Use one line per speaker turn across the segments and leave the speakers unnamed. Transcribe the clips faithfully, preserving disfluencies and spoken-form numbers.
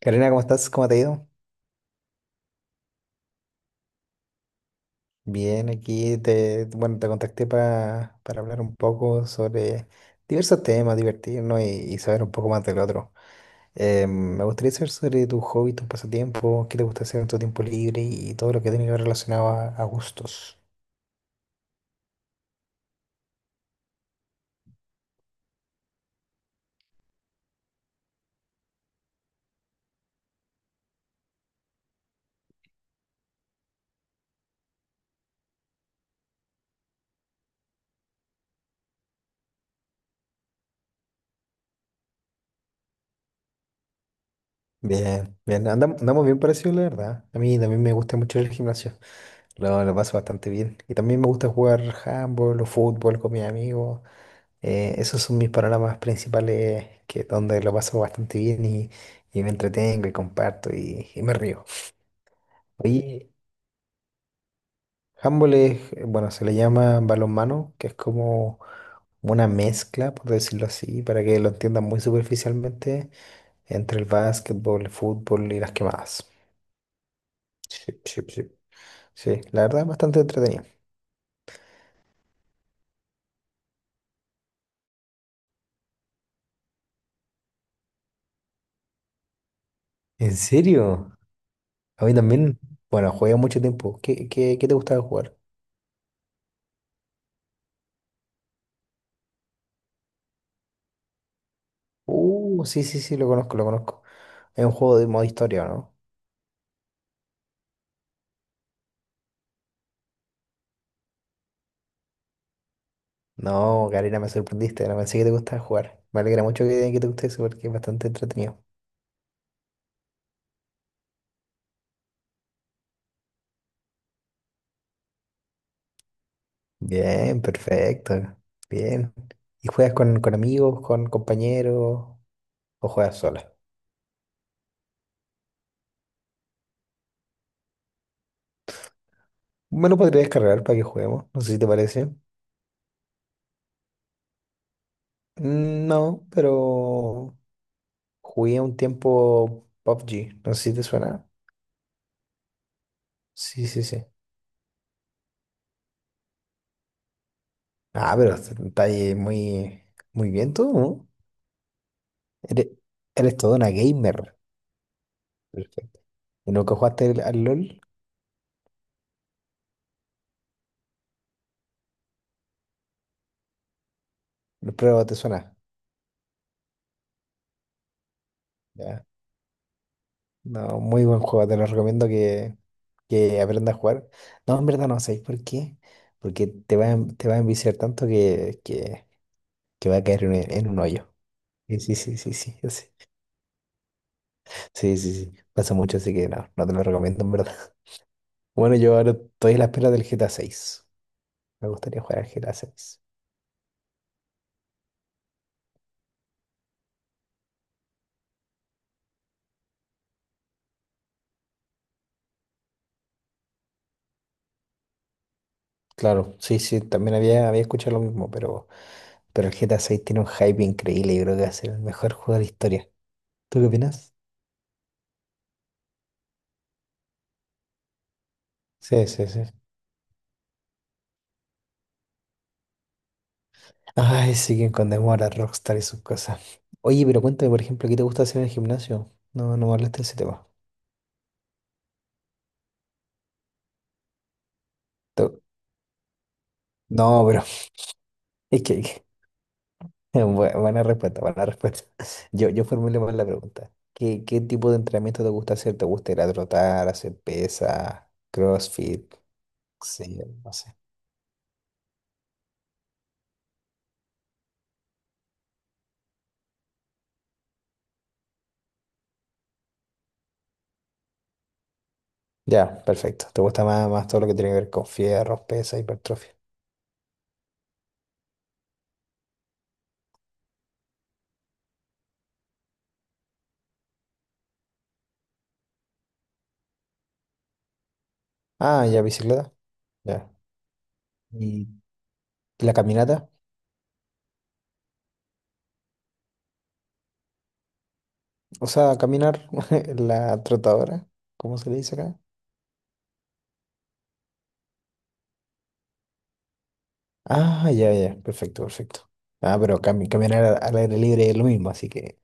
Karina, ¿cómo estás? ¿Cómo te ha ido? Bien, aquí te, bueno, te contacté para, para hablar un poco sobre diversos temas, divertirnos y, y saber un poco más del otro. Eh, me gustaría saber sobre tu hobby, tus pasatiempos, qué te gusta hacer en tu tiempo libre y todo lo que tiene que ver relacionado a, a gustos. Bien, bien, andamos, andamos bien parecidos, la verdad. A mí también me gusta mucho el gimnasio, lo, lo paso bastante bien. Y también me gusta jugar handball o fútbol con mis amigos. Eh, esos son mis panoramas principales, que donde lo paso bastante bien y, y me entretengo y comparto y, y me río. Oye, handball es, eh, bueno, se le llama balonmano, que es como una mezcla, por decirlo así, para que lo entiendan muy superficialmente, entre el básquetbol, el fútbol y las quemadas. Sí, sí, sí. Sí, la verdad es bastante entretenido. ¿En serio? A mí también, bueno, jugué mucho tiempo. ¿Qué, qué, qué te gustaba jugar? Uh, sí, sí, sí, lo conozco, lo conozco. Es un juego de modo historia, ¿o no? No, Karina, me sorprendiste, no pensé que te gustaba jugar. Me alegra mucho que, que te guste eso porque es bastante entretenido. Bien, perfecto. Bien. ¿Y juegas con, con amigos, con compañeros o juegas sola? Me lo podría descargar para que juguemos, no sé si te parece. Mm, No, pero jugué un tiempo P U B G, no sé si te suena. Sí, sí, sí. Ah, pero está ahí muy, muy bien todo, ¿no? Eres, eres toda una gamer. Perfecto. ¿Y nunca jugaste al, al LOL? Pero te suena. Ya. No, muy buen juego. Te lo recomiendo que, que aprendas a jugar. No, en verdad no, ¿sabéis por qué? Porque te va, a en- te va a enviciar tanto que, que, que va a caer en, en un hoyo. Sí, sí, sí, sí, sí. Yo sé. Sí, sí, sí. Pasa mucho, así que no, no te lo recomiendo, en verdad. Bueno, yo ahora estoy a la espera del G T A seis. Me gustaría jugar al G T A seis. Claro, sí, sí, también había, había escuchado lo mismo. Pero Pero el G T A seis tiene un hype increíble. Yo creo que va a ser el mejor juego de la historia. ¿Tú qué opinas? Sí, sí, sí. Ay, siguen con demora Rockstar y sus cosas. Oye, pero cuéntame, por ejemplo, ¿qué te gusta hacer en el gimnasio? No, no me hablaste de ese tema. Te- No, pero es que bu- buena respuesta, buena respuesta. Yo, yo formulé mal la pregunta. ¿Qué, qué tipo de entrenamiento te gusta hacer? ¿Te gusta ir a trotar, hacer pesa, CrossFit? Sí, no sé. Ya, perfecto. ¿Te gusta más, más todo lo que tiene que ver con fierros, pesa, hipertrofia? Ah, ya, bicicleta. Ya. ¿Y la caminata? O sea, caminar, la trotadora, ¿cómo se le dice acá? Ah, ya, ya, perfecto, perfecto. Ah, pero cami- caminar a- al aire libre es lo mismo, así que...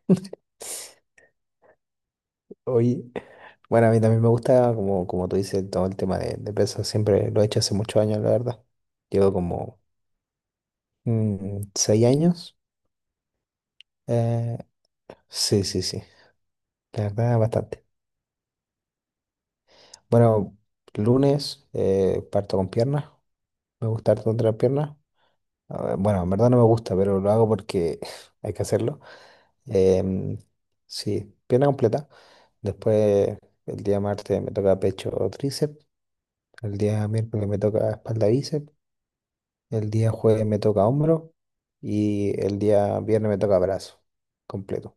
Oye, bueno, a mí también me gusta, como, como tú dices, todo el tema de, de peso. Siempre lo he hecho hace muchos años, la verdad. Llevo como mm, seis años. Eh, sí, sí, sí. La verdad, bastante. Bueno, lunes eh, parto con piernas. Me gusta harto entrenar piernas. A ver, bueno, en verdad no me gusta, pero lo hago porque hay que hacerlo. Em, sí, pierna completa. Después, el día martes me toca pecho o tríceps. El día miércoles me toca espalda y bíceps. El día jueves me toca hombro. Y el día viernes me toca brazo completo.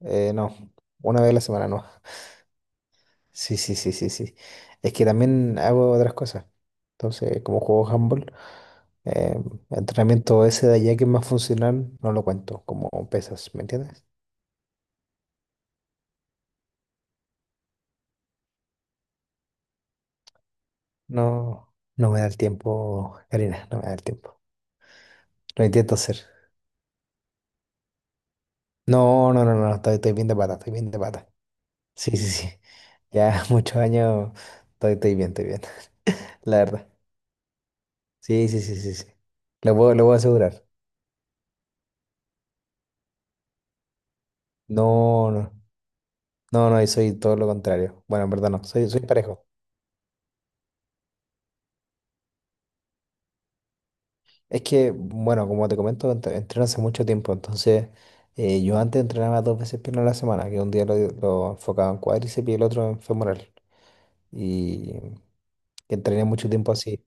Eh, no, una vez a la semana no. Sí, sí, sí, sí, sí. Es que también hago otras cosas. Entonces, como juego handball, eh, entrenamiento ese de allá que es más funcional, no lo cuento como pesas, ¿me entiendes? No, no me da el tiempo, Karina, no me da el tiempo. Lo intento hacer. No, no, no, no, estoy, estoy bien de pata, estoy bien de pata. Sí, sí, sí. Ya muchos años estoy, estoy bien, estoy bien, la verdad. Sí, sí, sí, sí, sí. Lo puedo, lo puedo asegurar. No, no, no, no, y soy todo lo contrario. Bueno, en verdad no, soy, soy parejo. Es que, bueno, como te comento, ent- entreno hace mucho tiempo, entonces eh, yo antes entrenaba dos veces pierna a la semana, que un día lo, lo enfocaba en cuádriceps y el otro en femoral. Y entrené mucho tiempo así.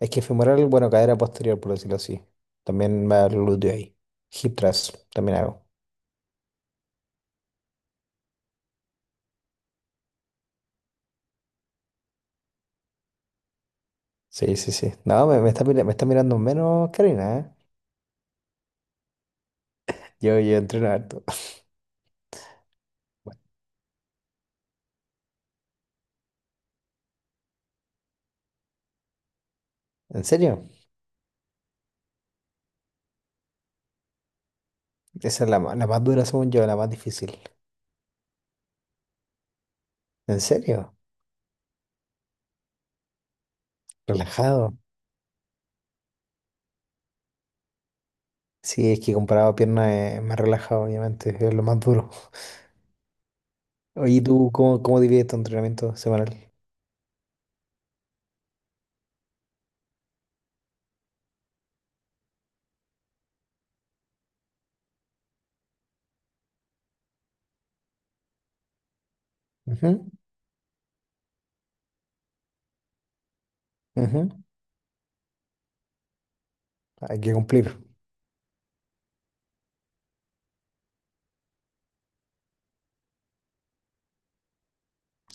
Es que femoral, bueno, cadera posterior, por decirlo así. También va el glúteo ahí. Hip thrust, también hago. Sí, sí, sí. No, me, me está, mira- me está mirando menos Karina, ¿eh? Yo, yo entreno harto. ¿En serio? Esa es la, ma- la más dura, según yo, la más difícil. ¿En serio? Relajado. Sí, es que comparado a piernas es más relajado, obviamente, es lo más duro. Oye, ¿y tú cómo, cómo, divides tu entrenamiento semanal? Ujú, ujú, hay que cumplir.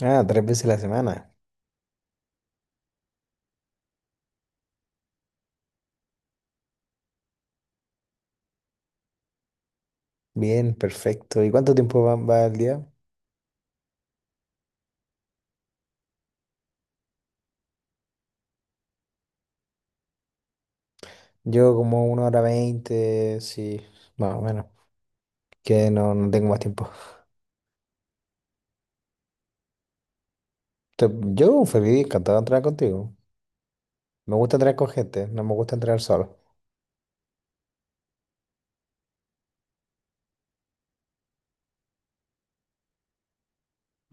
Ah, tres veces a la semana. Bien, perfecto. ¿Y cuánto tiempo va, va al día? Yo como una hora veinte, sí, más o menos, que no, no tengo más tiempo. Te- Yo feliz, encantado de entrenar contigo. Me gusta entrenar con gente, no me gusta entrenar solo.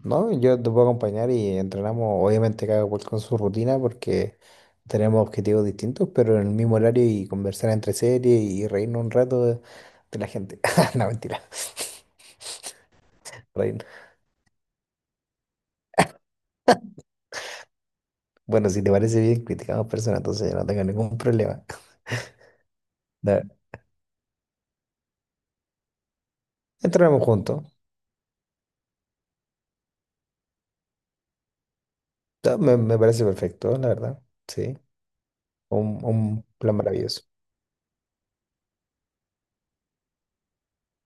No, yo te puedo acompañar y entrenamos, obviamente cada cual con su rutina porque tenemos objetivos distintos, pero en el mismo horario y conversar entre series y reírnos un rato de, de la gente. No, mentira. Reír. Bueno, si te parece bien, criticamos personas, entonces yo no tengo ningún problema. Da- Entrenamos juntos. Da- Me, me parece perfecto, la verdad. Sí, un, un plan maravilloso.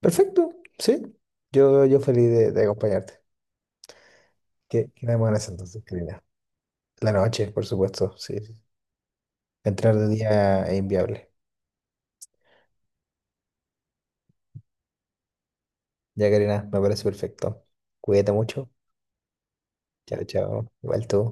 Perfecto, sí. Yo, yo feliz de, de acompañarte. ¿Qué, qué tenemos en ese entonces, querida? La noche, por supuesto, sí. Sí, sí. Entrar de día es inviable. Ya, Karina, me parece perfecto. Cuídate mucho. Chao, chao. Igual tú.